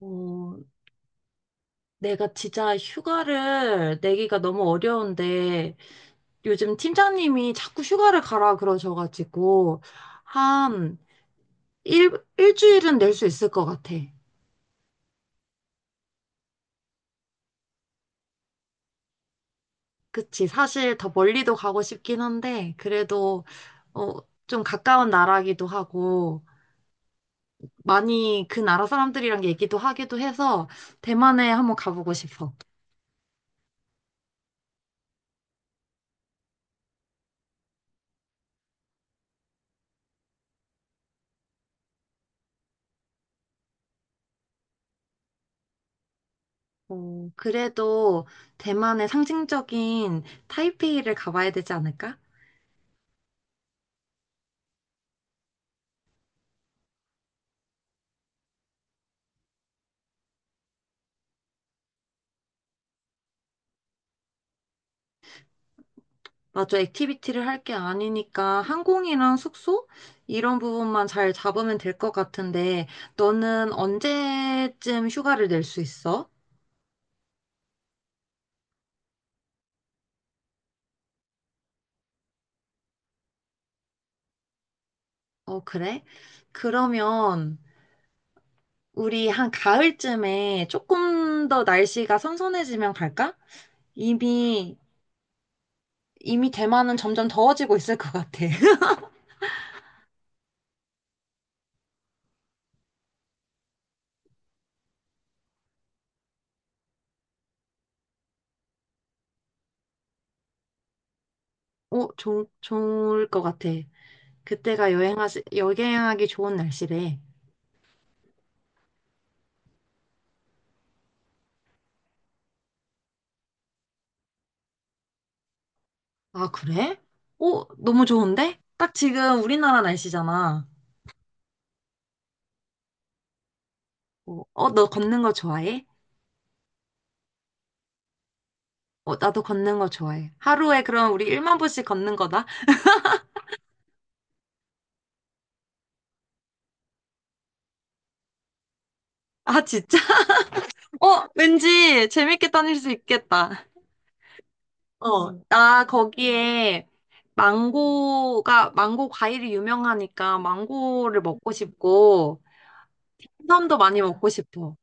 어, 내가 진짜 휴가를 내기가 너무 어려운데 요즘 팀장님이 자꾸 휴가를 가라 그러셔가지고 한 일, 일주일은 낼 수 있을 것 같아. 그치. 사실 더 멀리도 가고 싶긴 한데 그래도 어, 좀 가까운 나라기도 하고 많이 그 나라 사람들이랑 얘기도 하기도 해서 대만에 한번 가보고 싶어. 어, 그래도 대만의 상징적인 타이페이를 가봐야 되지 않을까? 맞아. 액티비티를 할 게 아니니까 항공이랑 숙소 이런 부분만 잘 잡으면 될 것 같은데 너는 언제쯤 휴가를 낼 수 있어? 어, 그래? 그러면 우리 한 가을쯤에 조금 더 날씨가 선선해지면 갈까? 이미 이미 대만은 점점 더워지고 있을 것 같아. 어, 좋을 것 같아. 그때가 여행하기 좋은 날씨래. 아, 그래? 오, 너무 좋은데? 딱 지금 우리나라 날씨잖아. 어, 어, 너 걷는 거 좋아해? 어, 나도 걷는 거 좋아해. 하루에 그럼 우리 1만 보씩 걷는 거다. 아, 진짜? 어, 왠지 재밌게 다닐 수 있겠다. 어, 나 거기에 망고 과일이 유명하니까 망고를 먹고 싶고, 해삼도 많이 먹고 싶어.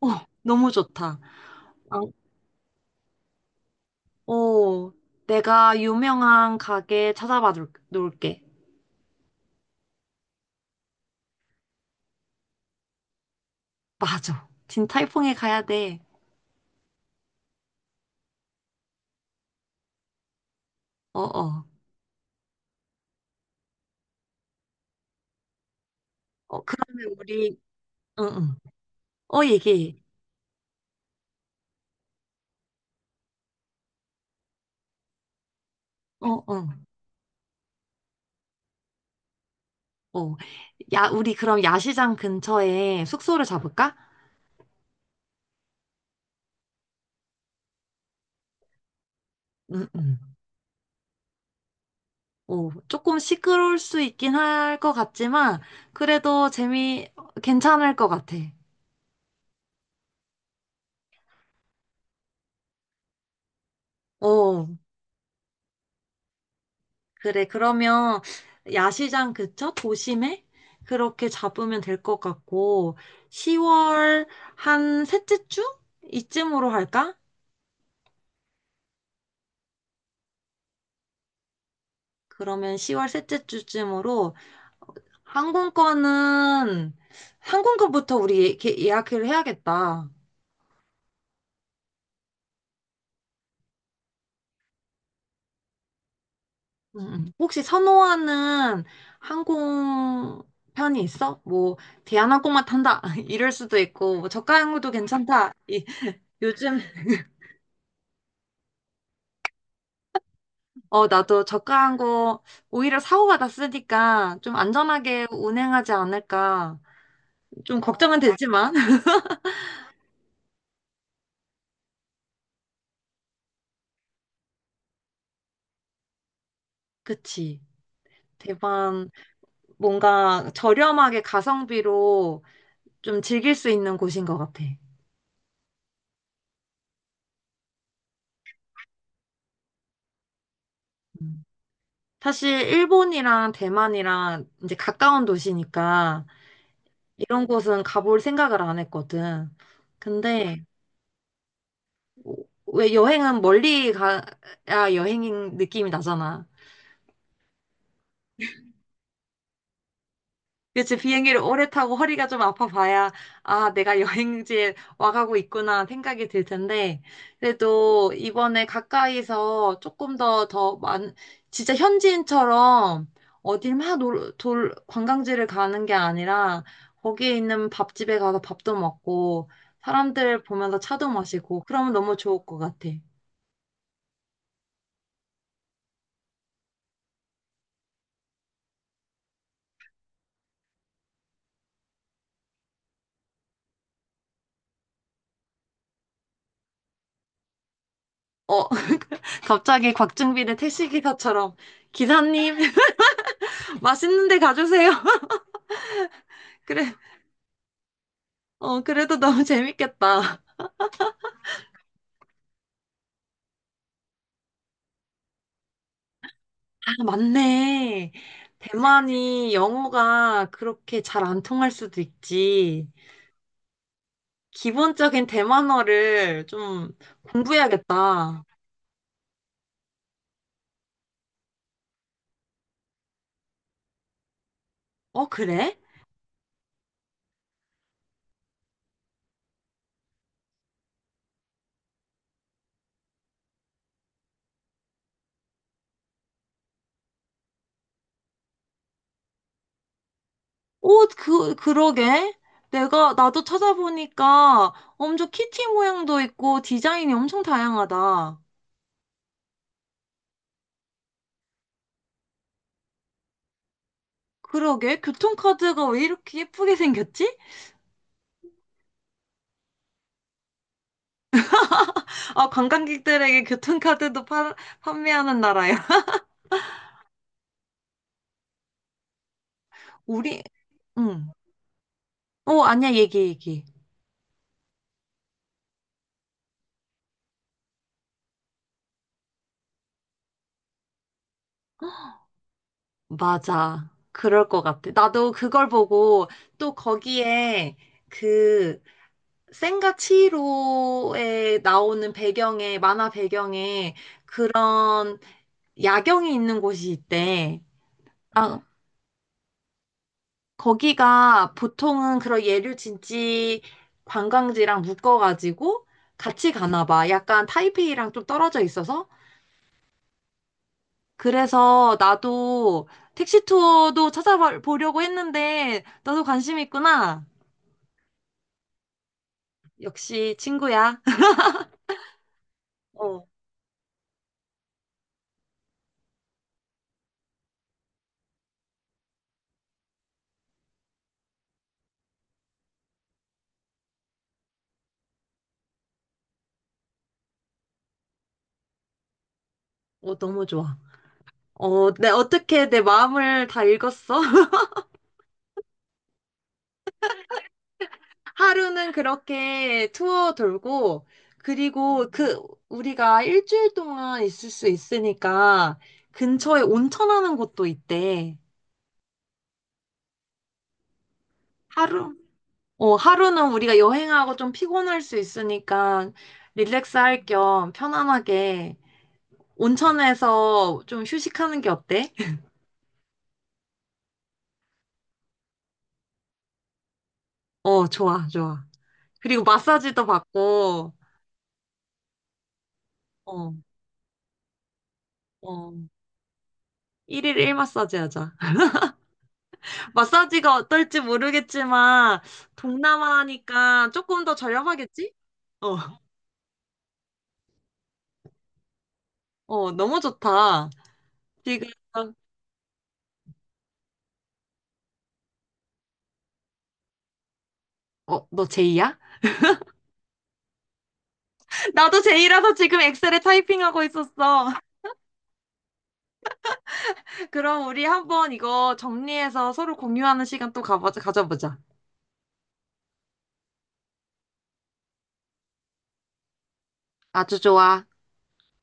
어, 너무 좋다. 망- 어, 내가 유명한 가게 찾아봐 놓을게. 맞아. 진타이퐁에 가야 돼. 어, 어. 어, 그러면 우리, 응, 응. 어, 얘기해. 어, 어, 어. 야, 우리 그럼 야시장 근처에 숙소를 잡을까? 응, 응. 어, 조금 시끄러울 수 있긴 할 것 같지만, 그래도 재미, 괜찮을 것 같아. 어, 그래. 그러면 야시장 그쵸? 도심에? 그렇게 잡으면 될 것 같고, 10월 한 셋째 주? 이쯤으로 할까? 그러면 10월 셋째 주쯤으로 항공권은 항공권부터 우리 예약을 해야겠다. 혹시 선호하는 항공편이 있어? 뭐 대한항공만 탄다 이럴 수도 있고 뭐 저가항공도 괜찮다. 이, 요즘 어 나도 저가항공 오히려 사고가 났으니까 좀 안전하게 운행하지 않을까 좀 걱정은 되지만 그치. 대만 뭔가 저렴하게 가성비로 좀 즐길 수 있는 곳인 것 같아. 음. 사실 일본이랑 대만이랑 이제 가까운 도시니까 이런 곳은 가볼 생각을 안 했거든. 근데 왜 여행은 멀리 가야 여행인 느낌이 나잖아. 그치, 비행기를 오래 타고 허리가 좀 아파 봐야, 아, 내가 여행지에 와가고 있구나 생각이 들 텐데, 그래도 이번에 가까이서 조금 더, 진짜 현지인처럼 어딜 막 관광지를 가는 게 아니라, 거기에 있는 밥집에 가서 밥도 먹고, 사람들 보면서 차도 마시고, 그러면 너무 좋을 것 같아. 어, 갑자기 곽중빈의 택시기사처럼, 기사님, 맛있는 데 가주세요. 그래. 어, 그래도 너무 재밌겠다. 아, 맞네. 대만이 영어가 그렇게 잘 안 통할 수도 있지. 기본적인 대만어를 좀 공부해야겠다. 어, 그래? 어, 그, 그러게. 나도 찾아보니까 엄청 키티 모양도 있고 디자인이 엄청 다양하다. 그러게. 교통카드가 왜 이렇게 예쁘게 생겼지? 아, 관광객들에게 교통카드도 판매하는 나라야. 우리, 응. 어, 아니야, 얘기, 얘기. 맞아. 그럴 것 같아. 나도 그걸 보고 또 거기에 그 센과 치히로에 나오는 배경에, 만화 배경에 그런 야경이 있는 곳이 있대. 아, 거기가 보통은 그런 예류 진지 관광지랑 묶어가지고 같이 가나 봐. 약간 타이페이랑 좀 떨어져 있어서 그래서 나도 택시 투어도 찾아보려고 했는데, 너도 관심 있구나. 역시 친구야. 어, 어, 너무 좋아. 어, 어떻게 내 마음을 다 읽었어? 하루는 그렇게 투어 돌고, 그리고 그, 우리가 일주일 동안 있을 수 있으니까, 근처에 온천하는 곳도 있대. 하루? 어, 하루는 우리가 여행하고 좀 피곤할 수 있으니까, 릴렉스 할 겸 편안하게 온천에서 좀 휴식하는 게 어때? 어, 좋아, 좋아. 그리고 마사지도 받고, 어, 어, 1일 1 마사지 하자. 마사지가 어떨지 모르겠지만, 동남아니까 조금 더 저렴하겠지? 어, 어, 너무 좋다. 지금, 어, 너 제이야? 나도 제이라서 지금 엑셀에 타이핑하고 있었어. 그럼 우리 한번 이거 정리해서 서로 공유하는 시간 또 가져보자. 아주 좋아.